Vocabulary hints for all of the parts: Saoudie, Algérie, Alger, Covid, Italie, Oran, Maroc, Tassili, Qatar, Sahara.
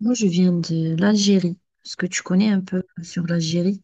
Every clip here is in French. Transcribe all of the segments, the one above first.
Moi, je viens de l'Algérie. Est-ce que tu connais un peu sur l'Algérie?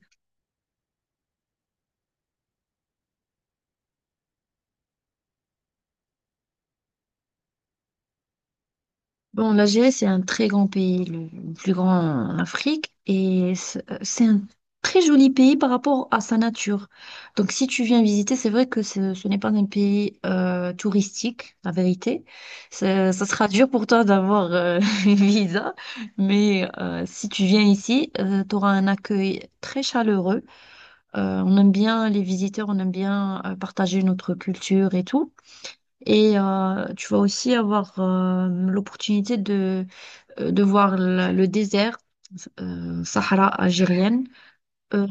Bon, l'Algérie, c'est un très grand pays, le plus grand en Afrique, et c'est un très joli pays par rapport à sa nature. Donc, si tu viens visiter, c'est vrai que ce n'est pas un pays touristique, la vérité. Ça sera dur pour toi d'avoir une visa, mais si tu viens ici, tu auras un accueil très chaleureux. On aime bien les visiteurs, on aime bien partager notre culture et tout. Et tu vas aussi avoir l'opportunité de voir le désert, Sahara algérienne. Euh,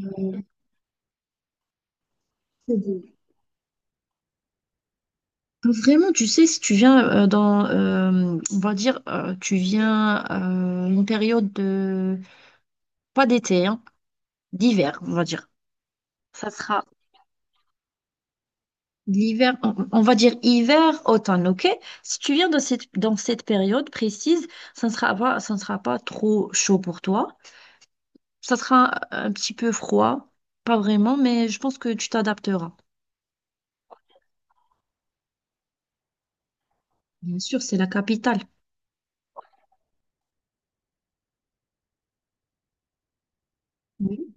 c'est beau. Vraiment, tu sais, si tu viens on va dire, tu viens une période de, pas d'été, hein, d'hiver, on va dire. Ça sera l'hiver, on va dire hiver, automne, ok? Si tu viens dans cette période précise, ça ne sera pas trop chaud pour toi. Ça sera un petit peu froid, pas vraiment, mais je pense que tu t'adapteras. Bien sûr, c'est la capitale. Oui.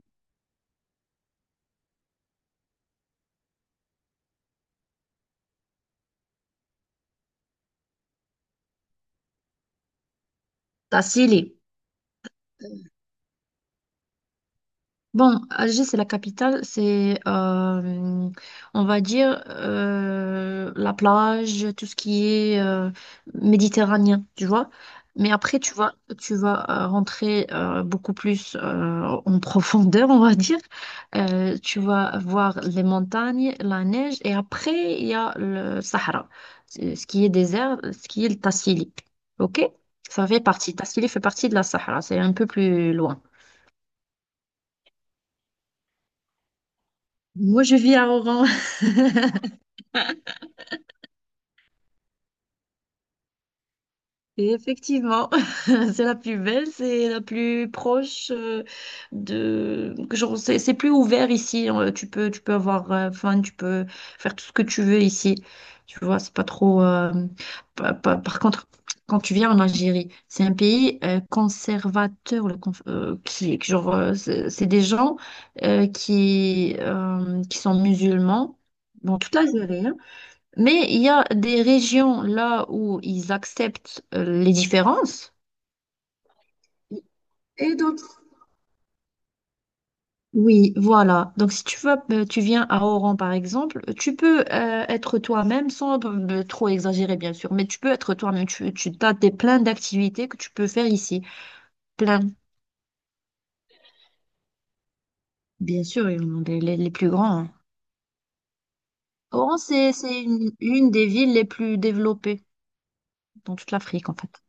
T'as scellé. Bon, Alger, c'est la capitale, c'est, on va dire, la plage, tout ce qui est méditerranéen, tu vois. Mais après, tu vas rentrer beaucoup plus en profondeur, on va dire. Tu vas voir les montagnes, la neige, et après, il y a le Sahara, ce qui est désert, ce qui est le Tassili. OK? Ça fait partie, Tassili fait partie de la Sahara, c'est un peu plus loin. Moi, je vis à Oran. Et effectivement, c'est la plus belle, c'est la plus proche, de genre c'est plus ouvert ici. Tu peux avoir fun, tu peux faire tout ce que tu veux ici. Tu vois, c'est pas trop. Par contre, quand tu viens en Algérie, c'est un pays conservateur, le conf- qui- genre c'est des gens qui sont musulmans. Bon, toute l'Algérie, hein, mais il y a des régions là où ils acceptent les différences. Et d'autres. Oui, voilà. Donc si tu vas, tu viens à Oran par exemple, tu peux être toi-même sans trop exagérer bien sûr, mais tu peux être toi-même. Tu as des, plein d'activités que tu peux faire ici. Plein. Bien sûr, ils en ont les plus grands, hein. Oran, c'est une des villes les plus développées dans toute l'Afrique en fait.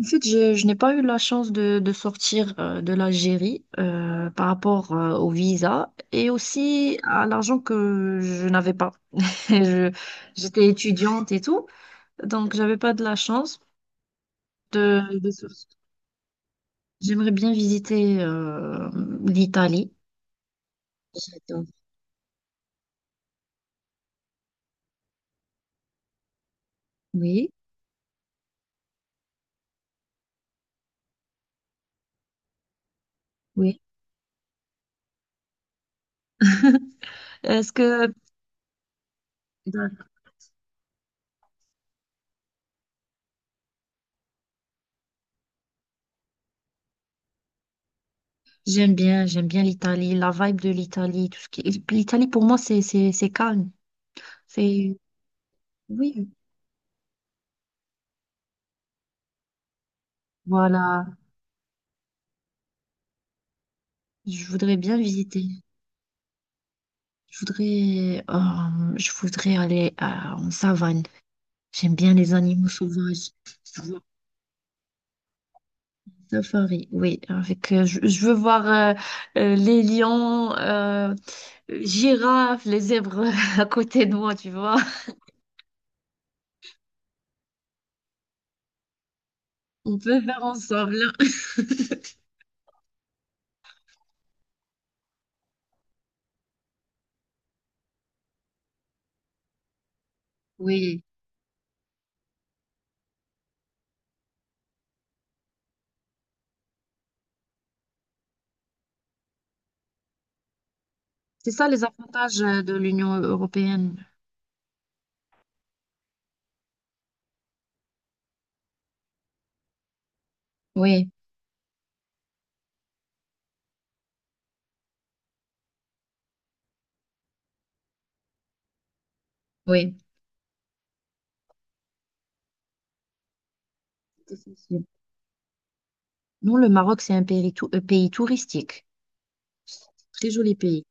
En fait, je n'ai pas eu la chance de sortir de l'Algérie par rapport au visa et aussi à l'argent que je n'avais pas. Je- j'étais étudiante et tout, donc j'avais pas de la chance de sortir. J'aimerais bien visiter l'Italie. J'adore. Oui, oui. Est-ce que j'aime bien l'Italie, la vibe de l'Italie, tout ce qui. L'Italie pour moi, c'est calme. C'est, oui, voilà. Je voudrais bien visiter. Je voudrais en savane. J'aime bien les animaux sauvages. Je veux voir un safari, oui. Avec, je veux voir les lions, girafes, les zèbres à côté de moi, tu vois. On peut faire ensemble. Oui, c'est ça les avantages de l'Union européenne. Oui, oui. C'est sûr. Non, le Maroc, c'est un pays, pays touristique. Très joli pays.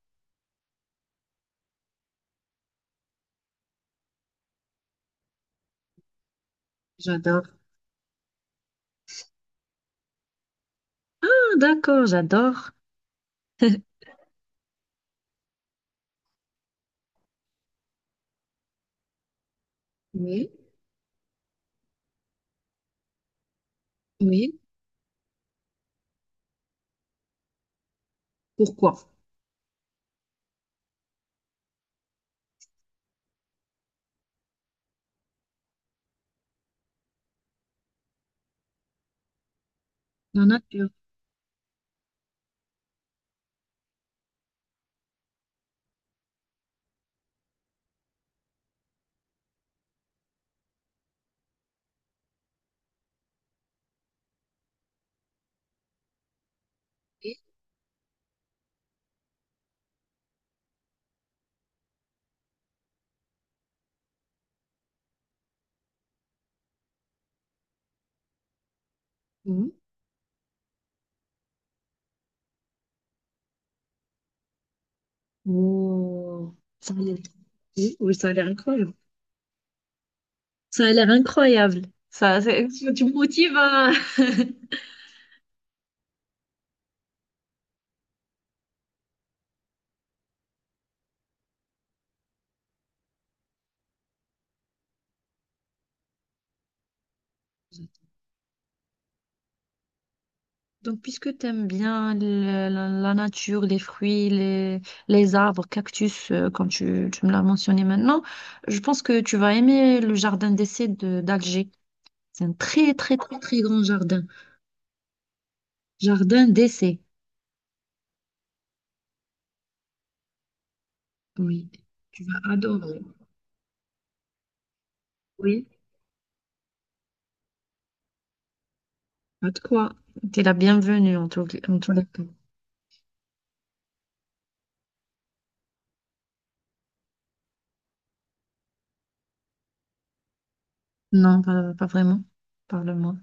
J'adore. Ah, d'accord, j'adore. Oui, oui. Pourquoi? La nature. Oui, oui. Oh, ça a l'air, oui, oui, ça a l'air incroyable. Ça a l'air incroyable. Ça, c'est- tu me motives à... Donc, puisque tu aimes bien la nature, les fruits, les arbres, cactus, comme tu me l'as mentionné maintenant, je pense que tu vas aimer le jardin d'essai d'Alger. C'est un très, très, très, très grand jardin. Jardin d'essai. Oui, tu vas adorer. Oui. Pas de quoi. T'es la bienvenue en tout les cas. Non, pas, pas vraiment. Parle-moi.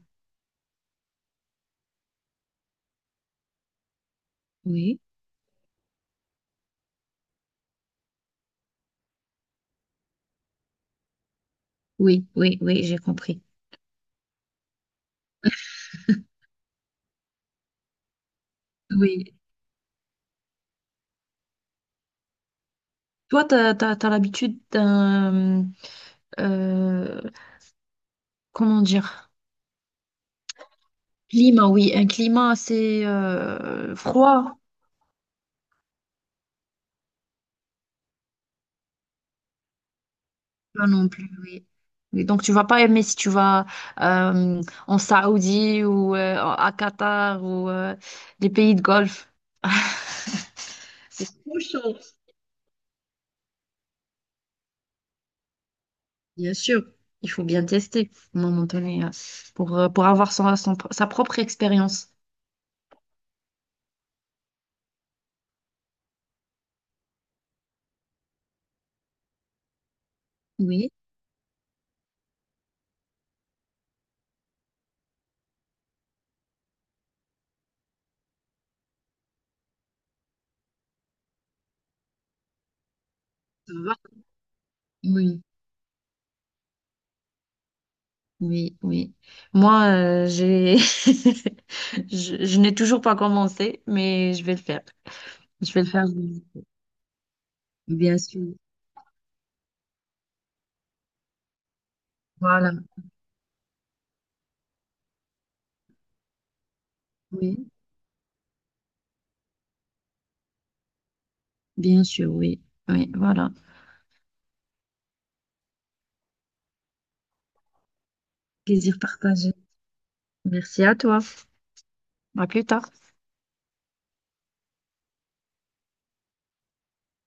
Oui, oui, oui, oui, j'ai compris. Oui. Toi, t'as l'habitude d'un, euh, comment dire, climat, oui, un climat assez froid. Pas non plus, oui. Oui. Donc, tu vas pas aimer si tu vas euh, en Saoudie ou à Qatar ou les pays de Golfe. C'est trop chaud. Bien sûr, il faut bien tester à un moment donné pour avoir sa propre expérience. Oui, ça va. Oui, oui, oui. Moi, j'ai je n'ai toujours pas commencé, mais je vais le faire. Je vais le faire, oui. Bien sûr. Voilà. Oui, bien sûr, oui. Oui, voilà. Plaisir partagé. Merci à toi. À plus tard.